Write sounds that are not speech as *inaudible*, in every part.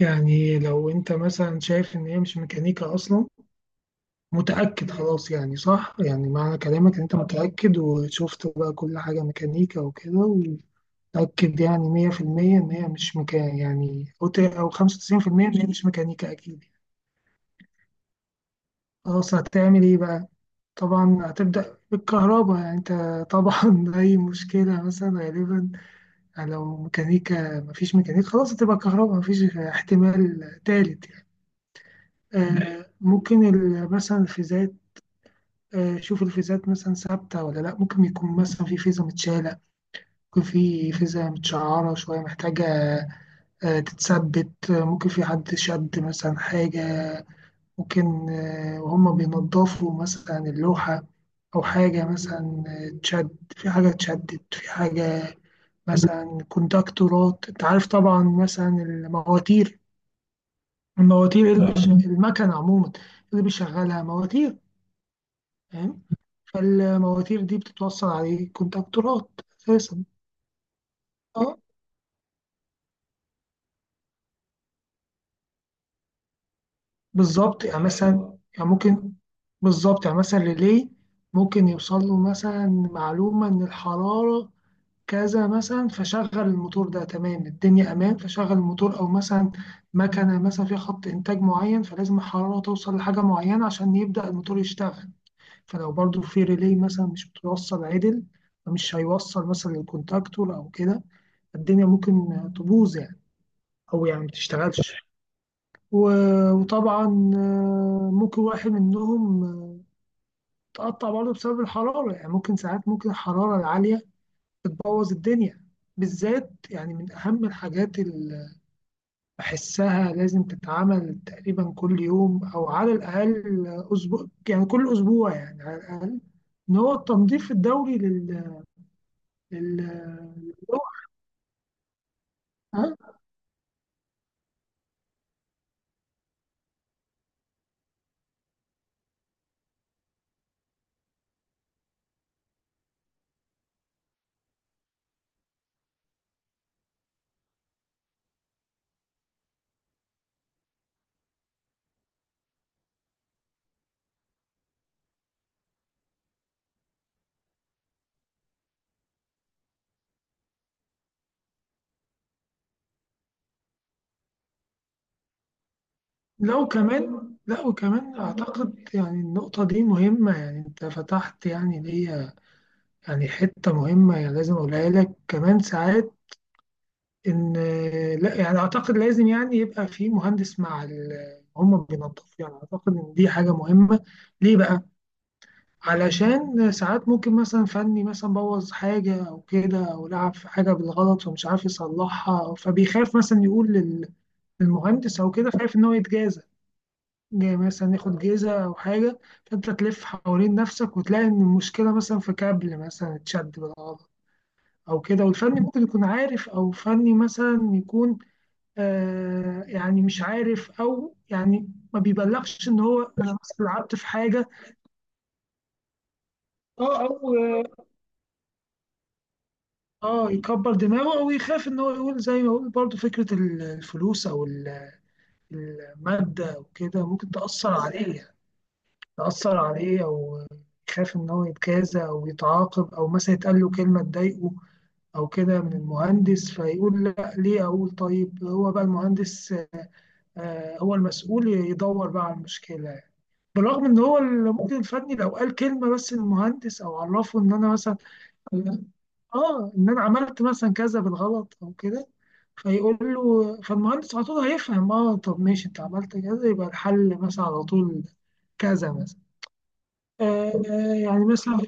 يعني لو انت مثلا شايف ان هي مش ميكانيكا اصلا، متأكد خلاص، يعني صح، يعني معنى كلامك ان انت متأكد وشفت بقى كل حاجة ميكانيكا وكده، ومتأكد يعني 100% ان هي مش مكان يعني، او أو 95% ان هي مش ميكانيكا اكيد. خلاص هتعمل ايه بقى؟ طبعا هتبدأ بالكهرباء يعني انت، طبعا *laughs* اي مشكلة مثلا غالبا لو ميكانيكا، مفيش ميكانيكا خلاص هتبقى كهرباء، مفيش احتمال تالت يعني. ممكن مثلا الفيزات، شوف الفيزات مثلا ثابتة ولا لأ. ممكن يكون مثلا في فيزا متشالة، ممكن في فيزا متشعرة شوية محتاجة تتثبت. ممكن في حد شد مثلا حاجة، ممكن وهم بينضفوا مثلا اللوحة، أو حاجة مثلا تشد في حاجة، اتشدت في حاجة مثلا كونتاكتورات. أنت عارف طبعا مثلا المواتير، المكنة عموما اللي بيشغلها مواتير، فاهم؟ فالمواتير دي بتتوصل عليه كونتاكتورات أساسا. اه بالظبط يعني مثلا، يعني ممكن بالظبط يعني مثلا ريلي ممكن يوصل له مثلا معلومة إن الحرارة كذا مثلا، فشغل الموتور ده، تمام الدنيا أمان فشغل الموتور. أو مثلا مكنة مثلا فيها خط إنتاج معين، فلازم الحرارة توصل لحاجة معينة عشان يبدأ الموتور يشتغل. فلو برضو في ريلي مثلا مش بتوصل عدل، فمش هيوصل مثلا للكونتاكتور أو كده، الدنيا ممكن تبوظ يعني، او يعني ما تشتغلش. وطبعا ممكن واحد منهم تقطع برضه بسبب الحرارة، يعني ممكن ساعات ممكن الحرارة العالية بتبوظ الدنيا. بالذات يعني من أهم الحاجات اللي بحسها لازم تتعمل تقريبا كل يوم، أو على الأقل أسبوع، يعني كل أسبوع يعني على الأقل، إن هو التنظيف الدوري لل- لو كمان، لا وكمان أعتقد يعني النقطة دي مهمة، يعني أنت فتحت يعني ليا يعني حتة مهمة، يعني لازم أقولها لك كمان ساعات إن لا، يعني أعتقد لازم يعني يبقى في مهندس مع هم بينظفوا، يعني أعتقد إن دي حاجة مهمة. ليه بقى؟ علشان ساعات ممكن مثلا فني مثلا بوظ حاجة أو كده، أو لعب في حاجة بالغلط ومش عارف يصلحها، فبيخاف مثلا يقول للمهندس أو كده، خايف إن هو يتجازف، جاي مثلا ناخد جيزة أو حاجة. فأنت تلف حوالين نفسك وتلاقي إن المشكلة مثلا في كابل مثلا اتشد بالغلط أو كده، والفني ممكن يكون عارف، أو فني مثلا يكون آه، يعني مش عارف، أو يعني ما بيبلغش إن هو أنا مثلا لعبت في حاجة. أه أو أه يكبر دماغه، أو يخاف إن هو يقول، زي ما يقول برضه فكرة الفلوس أو المادة وكده، ممكن تأثر عليه أو يخاف إن هو يتجازى أو يتعاقب، أو مثلا يتقال له كلمة تضايقه أو كده من المهندس، فيقول لا، ليه أقول؟ طيب هو بقى المهندس هو المسؤول، يدور بقى على المشكلة يعني. بالرغم إن هو المدير الفني لو قال كلمة بس للمهندس، أو عرفه إن أنا مثلا آه إن أنا عملت مثلا كذا بالغلط أو كده، فيقول له، فالمهندس على طول هيفهم، اه طب ماشي انت عملت كذا، يبقى الحل مثلا على طول كذا مثلا. يعني مثلا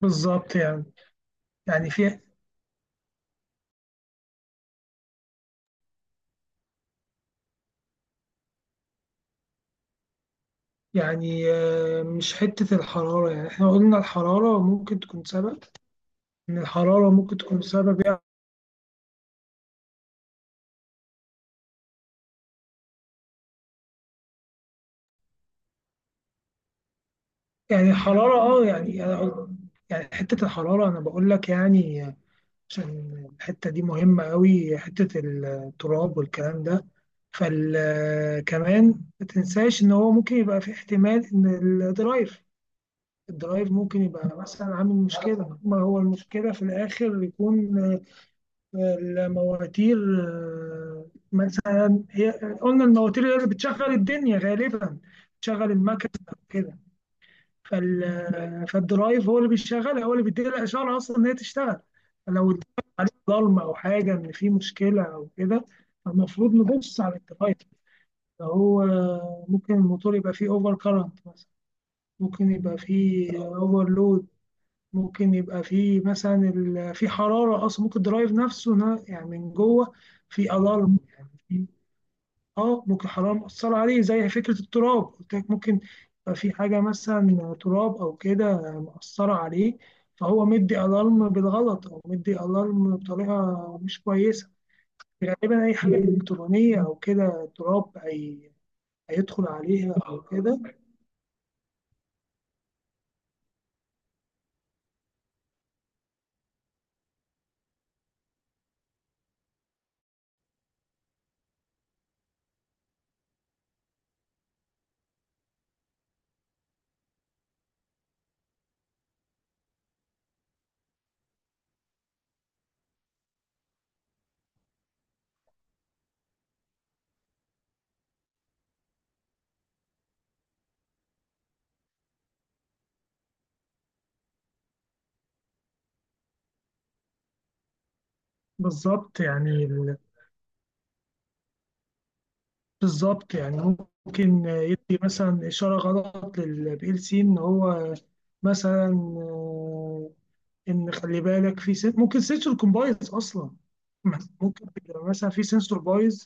بالظبط يعني. يعني في يعني مش حتة الحرارة، يعني احنا قلنا الحرارة ممكن تكون سبب، ان الحرارة ممكن تكون سبب يعني. يعني الحرارة اه، يعني أنا يعني حتة الحرارة انا بقول لك يعني، عشان الحتة دي مهمة قوي، حتة التراب والكلام ده. فكمان ما تنساش ان هو ممكن يبقى في احتمال ان الدرايف الدرايف ممكن يبقى مثلا عامل مشكلة. ما هو المشكلة في الآخر يكون المواتير مثلا هي. قلنا المواتير هي اللي بتشغل الدنيا غالبا، بتشغل المكنة كده. فالدرايف هو اللي بيشغلها، هو اللي بيديها الإشارة أصلا إن هي تشتغل. فلو اتضايق عليك ضلمة أو حاجة إن في مشكلة أو كده، فالمفروض نبص على الدرايف. فهو ممكن الموتور يبقى فيه أوفر كارنت مثلا، ممكن يبقى فيه أوفر لود، ممكن يبقى في مثلا في حرارة أصلا، ممكن الدرايف نفسه يعني من جوه في ألارم، يعني في اه ممكن حرارة مؤثرة عليه، زي فكرة التراب قلت لك. ممكن يبقى في حاجة مثلا تراب أو كده مؤثرة عليه، فهو مدي ألارم بالغلط، أو مدي ألارم بطريقة مش كويسة. غالبا أي حاجة إلكترونية أو كده، تراب هيدخل عليها أو كده. بالظبط يعني بالظبط يعني. ممكن يدي مثلا إشارة غلط للبي ال سي إن هو مثلا آه، إن خلي بالك في ممكن سنسور يكون بايظ أصلا، ممكن يبقى مثلا في سنسور بايظ.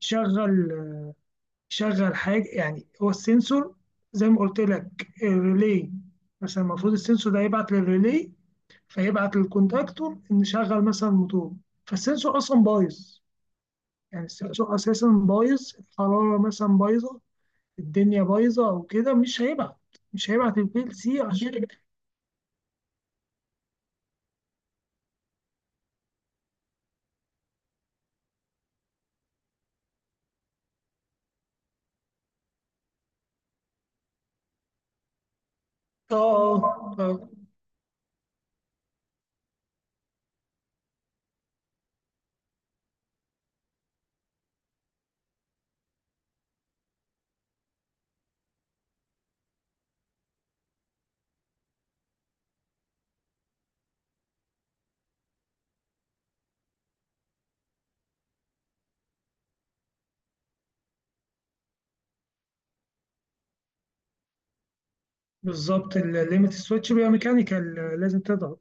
شغل شغل حاجة، يعني هو السنسور، زي ما قلت لك، الريلي مثلا المفروض السنسور ده يبعت للريلي، فيبعت للكونتاكتور إن شغل مثلا الموتور. فالسنسور أصلا بايظ، يعني السنسور أساسا بايظ، الحرارة مثلا بايظة، الدنيا بايظه او كده، مش هيبعت البي ال سي عشان. اه، اه، بالظبط الليمت سويتش بيبقى ميكانيكال، لازم تضغط.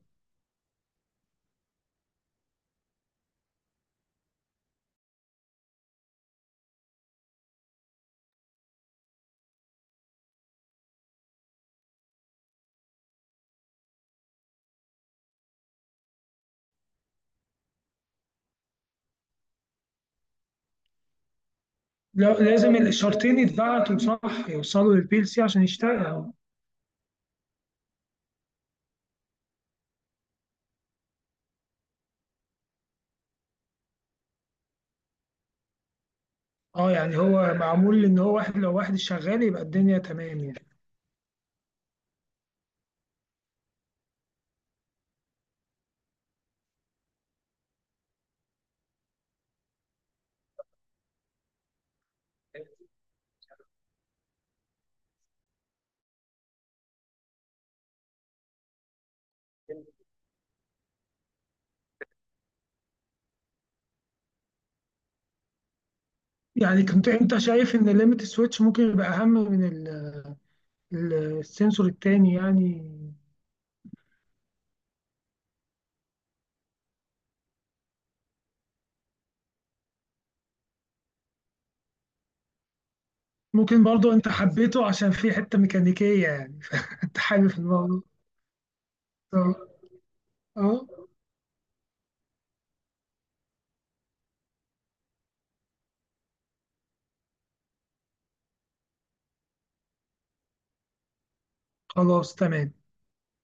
لا، لازم الاشارتين يتبعتوا صح، يوصلوا للبي ال سي عشان يشتغل. اه يعني هو معمول ان هو واحد، لو واحد شغال يبقى الدنيا تمام يعني. يعني كنت انت شايف ان الليمت سويتش ممكن يبقى اهم من ال- السنسور التاني يعني؟ ممكن برضو انت حبيته عشان في حتة ميكانيكية يعني، فانت حابب الموضوع. اه. آه. خلاص تمام.